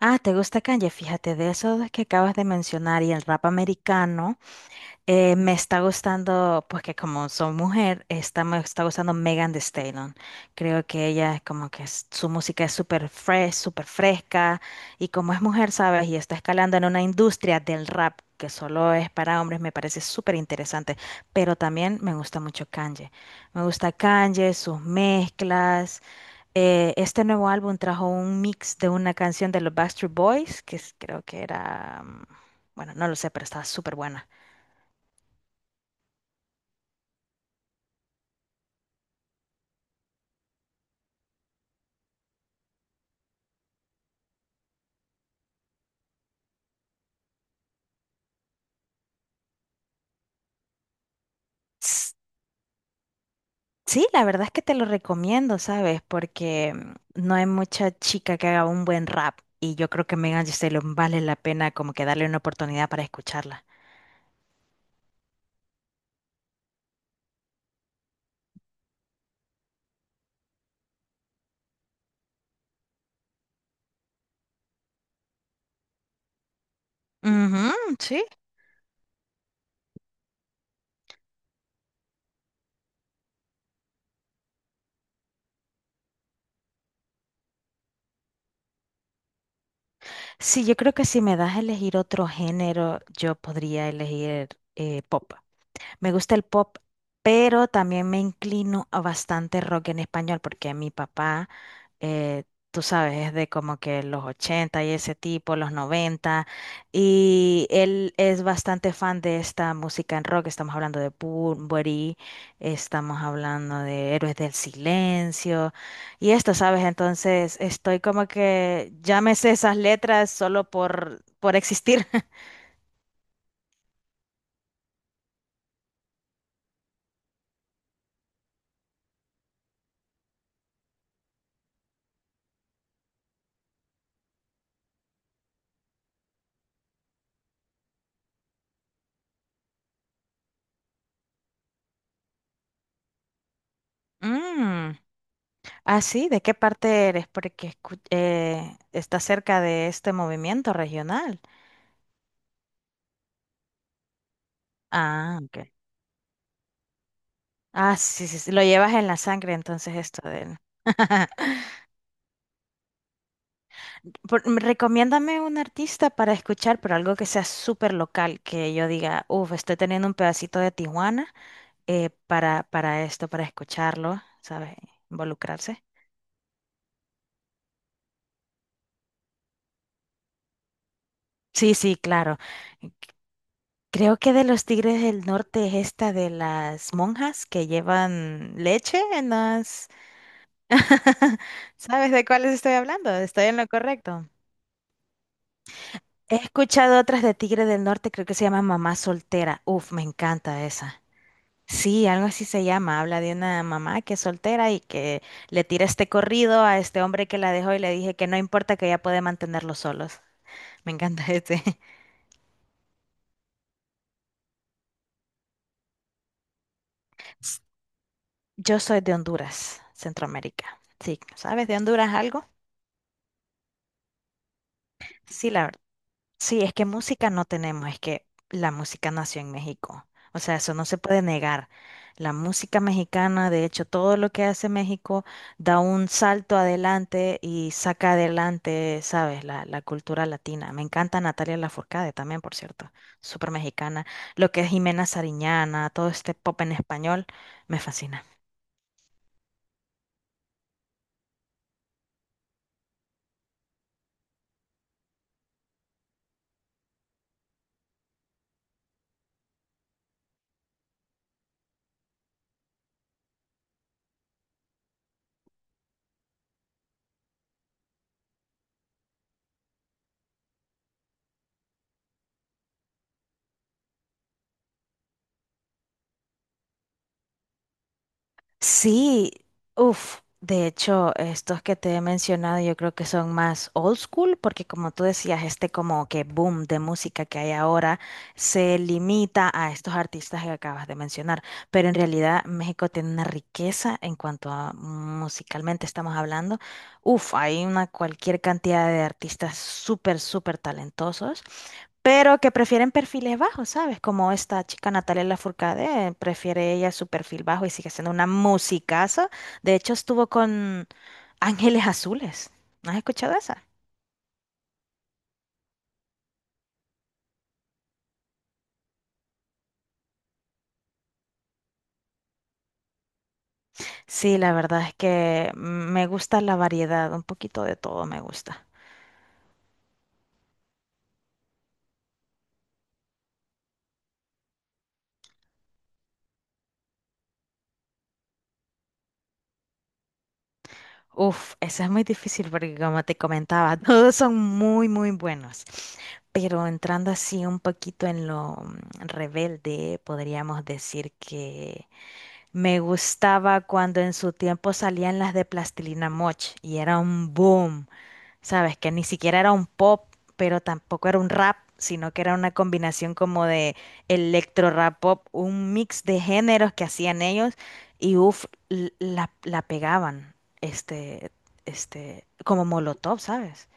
Ah, ¿te gusta Kanye? Fíjate, de esos que acabas de mencionar y el rap americano, me está gustando, pues que como soy mujer, me está gustando Megan Thee Stallion. Creo que ella es como que su música es súper fresh, súper fresca, y como es mujer, ¿sabes? Y está escalando en una industria del rap que solo es para hombres, me parece súper interesante. Pero también me gusta mucho Kanye. Me gusta Kanye, sus mezclas. Este nuevo álbum trajo un mix de una canción de los Backstreet Boys, que creo que era, bueno, no lo sé, pero estaba súper buena. S- Sí, la verdad es que te lo recomiendo, ¿sabes? Porque no hay mucha chica que haga un buen rap y yo creo que Megan Thee Stallion vale la pena como que darle una oportunidad para escucharla. Ujú, sí. Sí, yo creo que si me das a elegir otro género, yo podría elegir pop. Me gusta el pop, pero también me inclino a bastante rock en español porque mi papá, eh, tú sabes, es de como que los 80 y ese tipo, los 90, y él es bastante fan de esta música en rock. Estamos hablando de Bunbury, estamos hablando de Héroes del Silencio y esto, ¿sabes? Entonces estoy como que ya me sé esas letras solo por existir. Mm. Ah, sí, ¿de qué parte eres? Porque está cerca de este movimiento regional. Ah, ok. Ah, sí, sí, sí, lo llevas en la sangre entonces esto de... Recomiéndame un artista para escuchar, pero algo que sea súper local, que yo diga, uff, estoy teniendo un pedacito de Tijuana para esto, para escucharlo, ¿sabes? Involucrarse. Sí, sí, claro. Creo que de los Tigres del Norte es esta de las monjas que llevan leche en las... ¿Sabes de cuáles estoy hablando? Estoy en lo correcto. He escuchado otras de Tigre del Norte, creo que se llama Mamá Soltera. Uf, me encanta esa. Sí, algo así se llama. Habla de una mamá que es soltera y que le tira este corrido a este hombre que la dejó y le dije que no importa que ella puede mantenerlos solos. Me encanta este. Yo soy de Honduras, Centroamérica. Sí, ¿sabes de Honduras algo? Sí, la verdad. Sí, es que música no tenemos, es que la música nació en México. O sea, eso no se puede negar. La música mexicana, de hecho, todo lo que hace México da un salto adelante y saca adelante, ¿sabes? La cultura latina. Me encanta Natalia Lafourcade también, por cierto, súper mexicana. Lo que es Jimena Sariñana, todo este pop en español, me fascina. Sí, uff, de hecho, estos que te he mencionado yo creo que son más old school, porque como tú decías, este como que boom de música que hay ahora se limita a estos artistas que acabas de mencionar, pero en realidad México tiene una riqueza en cuanto a musicalmente estamos hablando. Uff, hay una cualquier cantidad de artistas súper, súper talentosos pero que prefieren perfiles bajos, ¿sabes? Como esta chica Natalia Lafourcade, prefiere ella su perfil bajo y sigue siendo una musicaza. De hecho, estuvo con Ángeles Azules. ¿No has escuchado esa? Sí, la verdad es que me gusta la variedad, un poquito de todo me gusta. Uf, esa es muy difícil porque como te comentaba, todos son muy, muy buenos. Pero entrando así un poquito en lo rebelde, podríamos decir que me gustaba cuando en su tiempo salían las de Plastilina Moch y era un boom, ¿sabes? Que ni siquiera era un pop, pero tampoco era un rap, sino que era una combinación como de electro rap pop, un mix de géneros que hacían ellos y uff, la pegaban, este, este, como Molotov, ¿sabes?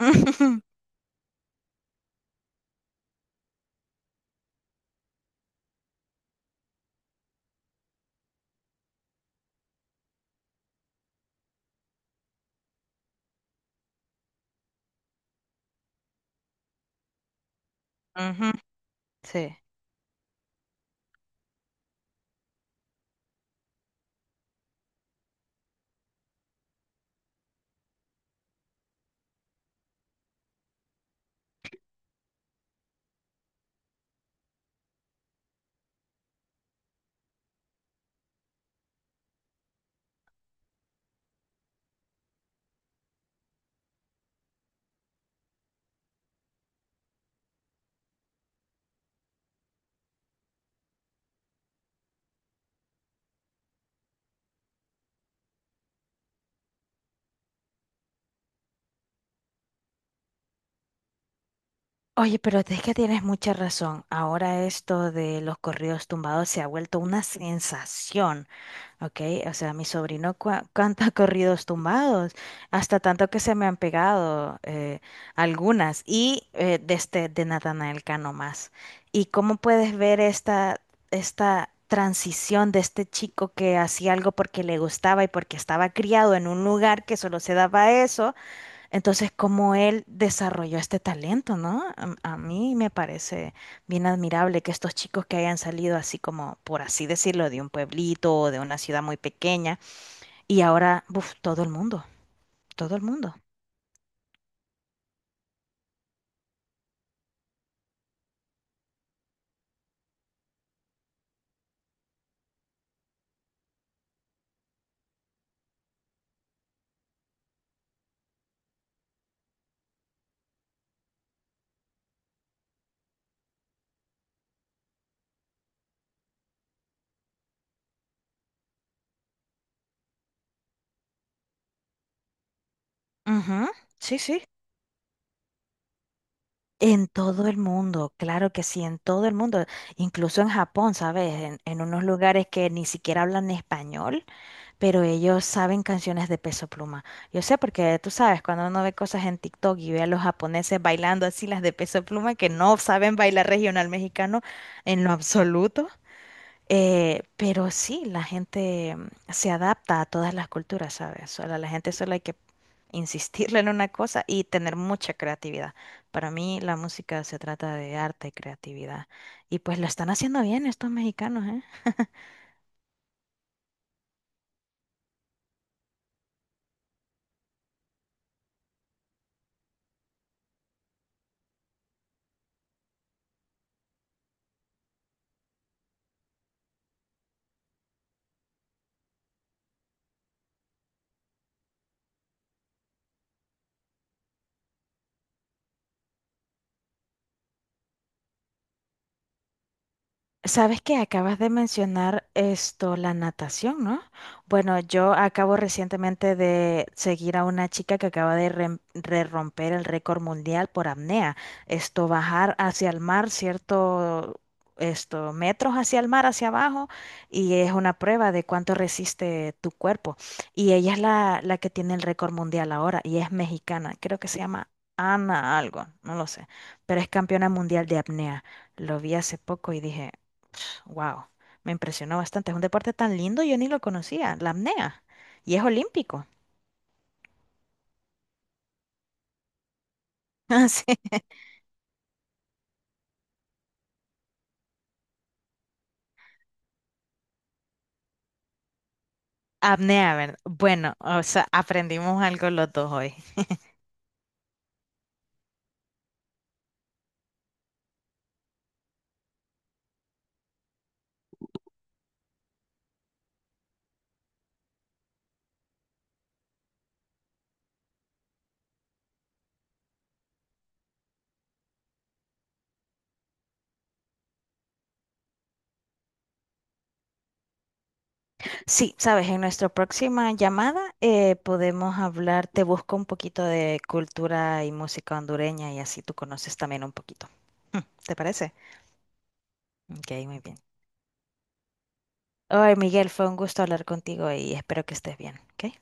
Ujú, sí. Oye, pero es que tienes mucha razón. Ahora esto de los corridos tumbados se ha vuelto una sensación. Ok, o sea, mi sobrino canta corridos tumbados, hasta tanto que se me han pegado algunas, y de este, de Natanael Cano más. ¿Y cómo puedes ver esta transición de este chico que hacía algo porque le gustaba y porque estaba criado en un lugar que solo se daba eso? Entonces, cómo él desarrolló este talento, ¿no? A mí me parece bien admirable que estos chicos que hayan salido así como, por así decirlo, de un pueblito o de una ciudad muy pequeña y ahora, buf, todo el mundo, todo el mundo. Ujú, sí, sí. En todo el mundo, claro que sí, en todo el mundo, incluso en Japón, ¿sabes? En unos lugares que ni siquiera hablan español. Pero ellos saben canciones de Peso Pluma. Yo sé porque tú sabes, cuando uno ve cosas en TikTok y ve a los japoneses bailando así las de Peso Pluma que no saben bailar regional mexicano en lo absoluto, pero sí, la gente se adapta a todas las culturas, ¿sabes? Solo, a la gente solo hay que insistirle en una cosa y tener mucha creatividad. Para mí la música se trata de arte y creatividad. Y pues lo están haciendo bien estos mexicanos, ¿eh? Sabes que acabas de mencionar esto, la natación, ¿no? Bueno, yo acabo recientemente de seguir a una chica que acaba de romper el récord mundial por apnea. Esto, bajar hacia el mar, cierto, esto, metros hacia el mar, hacia abajo, y es una prueba de cuánto resiste tu cuerpo. Y ella es la que tiene el récord mundial ahora, y es mexicana. Creo que se llama Ana algo, no lo sé, pero es campeona mundial de apnea. Lo vi hace poco y dije... Wow, me impresionó bastante. Es un deporte tan lindo, yo ni lo conocía, la apnea. Y es olímpico. Ah, sí, apnea, ¿verdad? Bueno, o sea, aprendimos algo los dos hoy. Sí, sabes, en nuestra próxima llamada podemos hablar, te busco un poquito de cultura y música hondureña y así tú conoces también un poquito. Mm. ¿Te parece? Ok, muy bien. Hoy, Miguel, fue un gusto hablar contigo y espero que estés bien, ¿ok?